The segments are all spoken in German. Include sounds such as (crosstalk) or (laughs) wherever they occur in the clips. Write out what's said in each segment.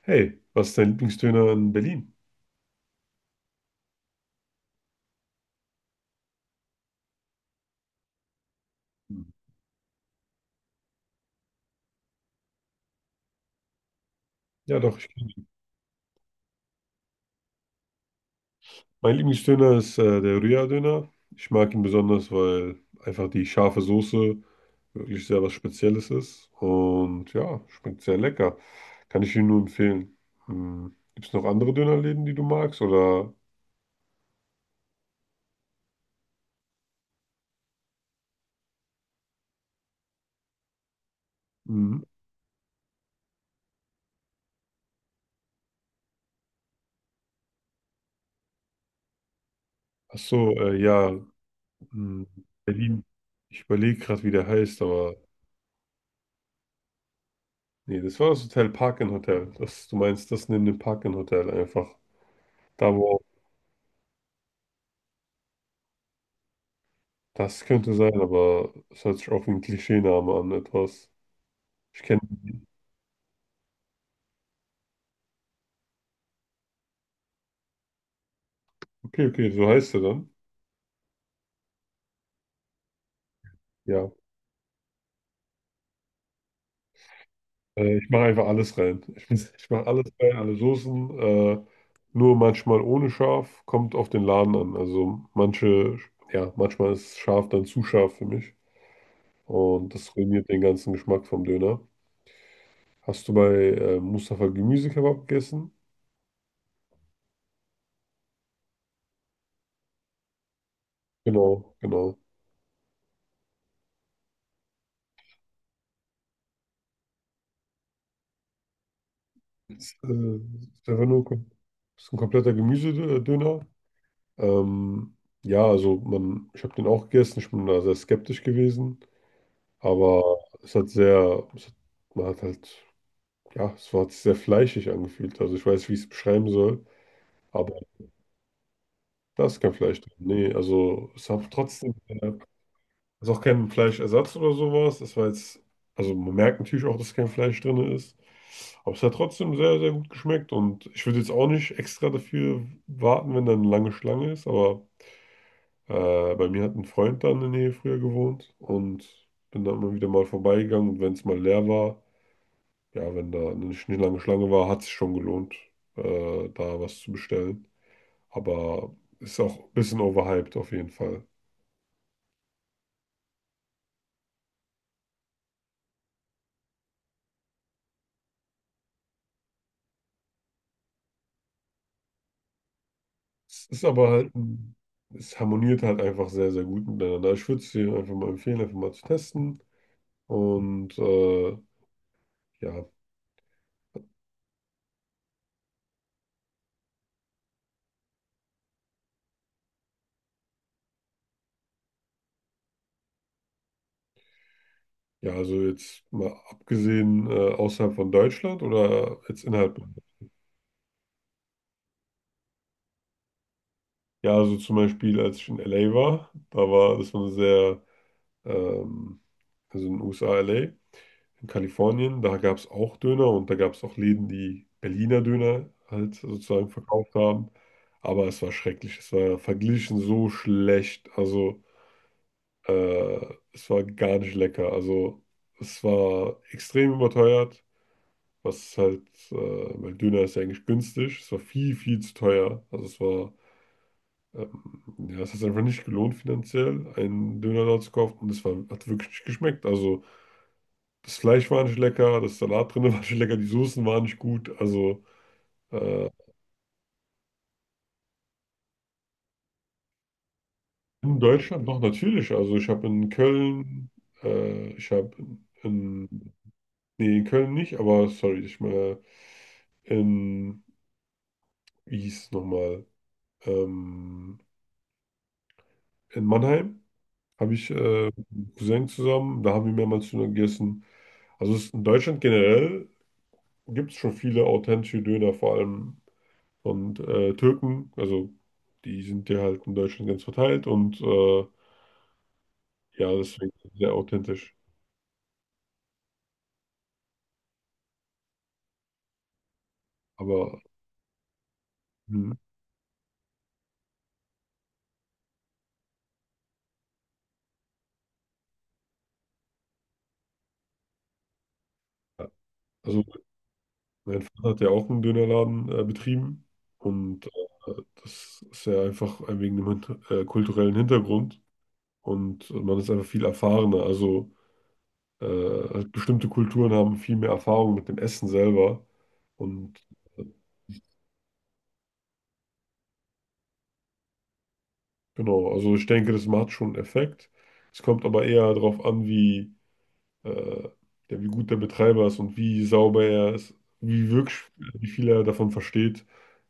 Hey, was ist dein Lieblingsdöner in Berlin? Hm. Ja, doch, ich kenn ihn. Mein Lieblingsdöner ist der Rührdöner. Ich mag ihn besonders, weil einfach die scharfe Soße wirklich sehr was Spezielles ist. Und ja, schmeckt sehr lecker. Kann ich Ihnen nur empfehlen. Hm. Gibt es noch andere Dönerläden, die du magst? Oder hm. Ach so, ja, hm, Berlin. Ich überlege gerade, wie der heißt, aber nee, das war das Hotel Park Hotel. Das, du meinst das neben dem Park Hotel einfach. Da, wo das könnte sein, aber es hört sich auch wie ein Klischeename an, etwas. Ich kenne die. Okay, okay, so heißt er dann. Ja. Ich mache einfach alles rein. Ich mache alles rein, alle Soßen. Nur manchmal ohne Schaf, kommt auf den Laden an. Also manche, ja, manchmal ist scharf dann zu scharf für mich. Und das ruiniert den ganzen Geschmack vom Döner. Hast du bei Mustafa Gemüsekebab gegessen? Genau, genau. Das, ist einfach nur ist ein kompletter Gemüsedöner. Ähm, ja, also man, ich habe den auch gegessen, ich bin da sehr skeptisch gewesen, aber es hat sehr, es hat, man hat halt, ja, hat sich sehr fleischig angefühlt. Also ich weiß nicht, wie ich es beschreiben soll, aber da ist kein Fleisch drin. Nee, also es hat trotzdem, es ist auch kein Fleischersatz oder sowas. Also man merkt natürlich auch, dass kein Fleisch drin ist, aber es hat trotzdem sehr, sehr gut geschmeckt und ich würde jetzt auch nicht extra dafür warten, wenn da eine lange Schlange ist, aber. Bei mir hat ein Freund da in der Nähe früher gewohnt und bin da immer wieder mal vorbeigegangen. Und wenn es mal leer war, ja, wenn da eine nicht lange Schlange war, hat es sich schon gelohnt, da was zu bestellen. Aber ist auch ein bisschen overhyped auf jeden Fall. Es ist aber halt, es harmoniert halt einfach sehr, sehr gut miteinander. Ich würde es dir einfach mal empfehlen, einfach mal zu testen. Und ja, ja, also jetzt mal abgesehen außerhalb von Deutschland oder jetzt innerhalb. Ja, also zum Beispiel, als ich in LA war, da war, das war eine sehr, ähm, also in den USA, LA, in Kalifornien, da gab es auch Döner und da gab es auch Läden, die Berliner Döner halt sozusagen verkauft haben. Aber es war schrecklich, es war verglichen so schlecht, also äh, es war gar nicht lecker. Also es war extrem überteuert, was halt, äh, weil Döner ist ja eigentlich günstig, es war viel, viel zu teuer. Also es war ähm, ja, es hat einfach nicht gelohnt finanziell, einen Döner da zu kaufen und hat wirklich nicht geschmeckt. Also das Fleisch war nicht lecker, das Salat drin (laughs) war nicht lecker, die Soßen waren nicht gut. Also äh, in Deutschland doch natürlich. Also ich habe in Köln, ich habe in, nee, in Köln nicht, aber sorry, ich meine in, wie hieß es nochmal, ähm, in Mannheim habe ich mit einem Cousin zusammen, da haben wir mehrmals Döner gegessen. Also es ist in Deutschland generell, gibt es schon viele authentische Döner, vor allem von Türken. Also die sind ja halt in Deutschland ganz verteilt und ja, deswegen sehr authentisch. Aber hm, ja. Also mein Vater hat ja auch einen Dönerladen betrieben und das ist ja einfach wegen dem kulturellen Hintergrund und man ist einfach viel erfahrener. Also halt bestimmte Kulturen haben viel mehr Erfahrung mit dem Essen selber und äh, genau, also ich denke, das macht schon einen Effekt. Es kommt aber eher darauf an, wie, äh, ja, wie gut der Betreiber ist und wie sauber er ist, wie wirklich, wie viel er davon versteht,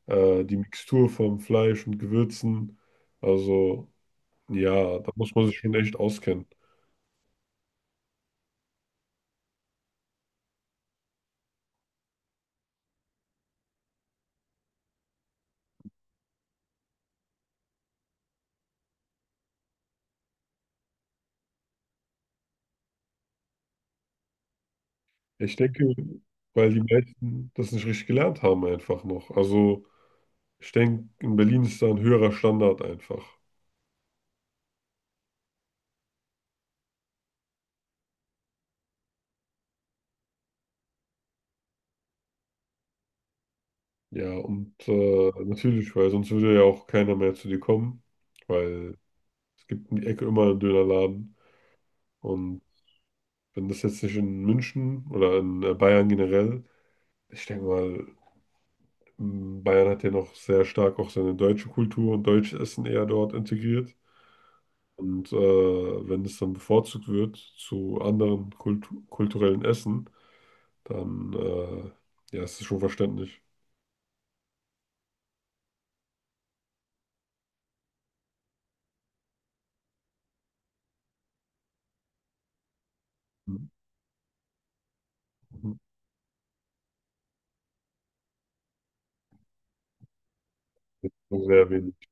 die Mixtur vom Fleisch und Gewürzen. Also ja, da muss man sich schon echt auskennen. Ich denke, weil die meisten das nicht richtig gelernt haben einfach noch. Also ich denke, in Berlin ist da ein höherer Standard einfach. Ja, und natürlich, weil sonst würde ja auch keiner mehr zu dir kommen. Weil es gibt um die Ecke immer einen Dönerladen. Und wenn das jetzt nicht in München oder in Bayern generell, ich denke mal, Bayern hat ja noch sehr stark auch seine deutsche Kultur und deutsches Essen eher dort integriert. Und wenn es dann bevorzugt wird zu anderen kulturellen Essen, dann ja, ist es schon verständlich. Mhm. Sehr wenig.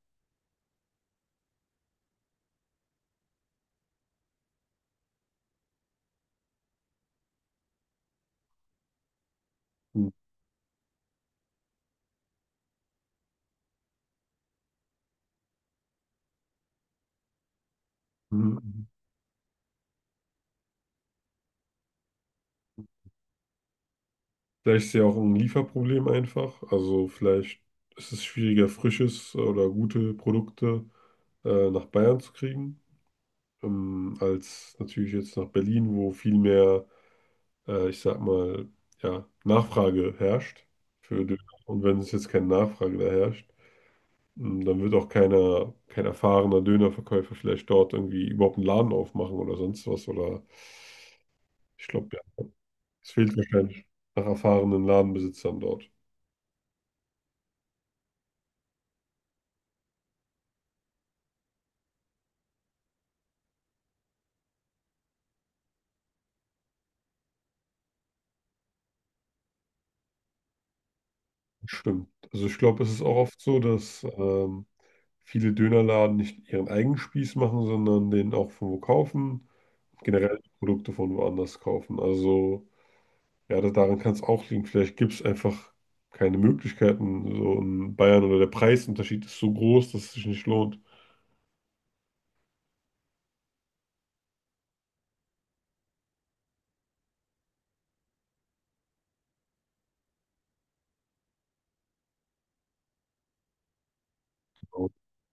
Mhm. Mhm. Vielleicht ist ja auch ein Lieferproblem einfach. Also vielleicht ist es schwieriger, frisches oder gute Produkte nach Bayern zu kriegen, als natürlich jetzt nach Berlin, wo viel mehr, ich sag mal, ja, Nachfrage herrscht für Döner. Und wenn es jetzt keine Nachfrage da herrscht, dann wird auch keiner, kein erfahrener Dönerverkäufer vielleicht dort irgendwie überhaupt einen Laden aufmachen oder sonst was. Oder ich glaube, ja, es fehlt wahrscheinlich nach erfahrenen Ladenbesitzern dort. Stimmt. Also ich glaube, es ist auch oft so, dass viele Dönerladen nicht ihren eigenen Spieß machen, sondern den auch von wo kaufen, generell die Produkte von woanders kaufen. Also ja, daran kann es auch liegen. Vielleicht gibt es einfach keine Möglichkeiten, so in Bayern oder der Preisunterschied ist so groß, dass es sich nicht lohnt. Genau.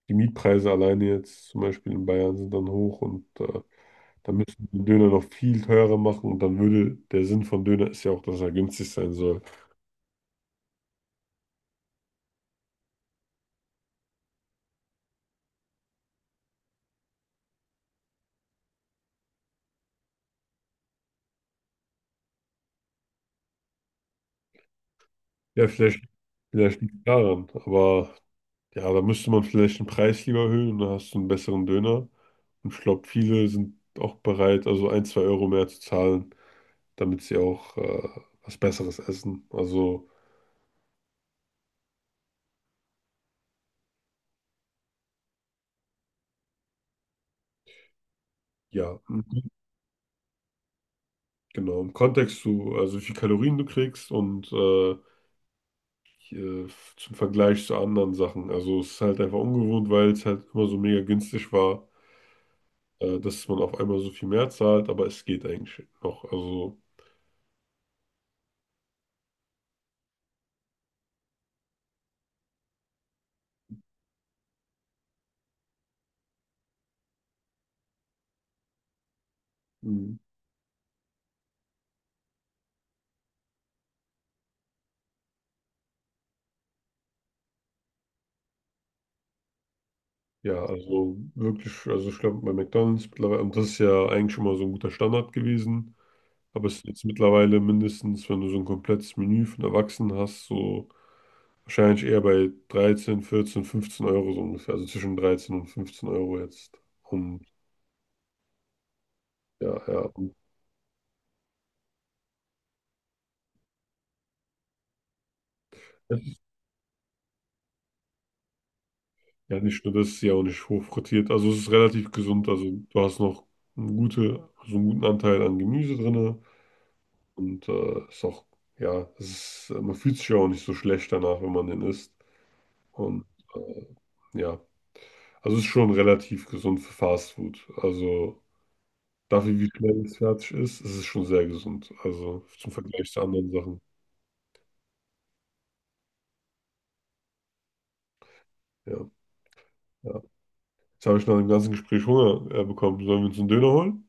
Die Mietpreise alleine jetzt zum Beispiel in Bayern sind dann hoch und da müssen wir den Döner noch viel teurer machen und dann würde der Sinn von Döner ist ja auch, dass er günstig sein soll. Ja, vielleicht liegt es daran. Aber ja, da müsste man vielleicht den Preis lieber erhöhen und dann hast du einen besseren Döner. Und ich glaube, viele sind auch bereit, also 1, 2 Euro mehr zu zahlen, damit sie auch was Besseres essen. Also ja, mhm. Genau. Im Kontext zu, also wie viel Kalorien du kriegst und hier, zum Vergleich zu anderen Sachen. Also es ist halt einfach ungewohnt, weil es halt immer so mega günstig war, dass man auf einmal so viel mehr zahlt, aber es geht eigentlich noch. Also. Mhm. Ja, also wirklich, also ich glaube bei McDonald's mittlerweile, und das ist ja eigentlich schon mal so ein guter Standard gewesen, aber es ist jetzt mittlerweile mindestens, wenn du so ein komplettes Menü von Erwachsenen hast, so wahrscheinlich eher bei 13, 14, 15 Euro so ungefähr, also zwischen 13 und 15 Euro jetzt. Und ja, ja. Ja, nicht nur das, ist ja auch nicht hochfrittiert, also es ist relativ gesund, also du hast noch eine gute, so einen guten Anteil an Gemüse drin und ist auch, ja, es ist, man fühlt sich ja auch nicht so schlecht danach, wenn man den isst. Und äh, ja, also es ist schon relativ gesund für Fast Food. Also dafür, wie schnell es fertig ist, ist es schon sehr gesund. Also zum Vergleich zu anderen Sachen. Ja, ja. Jetzt habe ich nach dem ganzen Gespräch Hunger bekommen. Sollen wir uns einen Döner holen?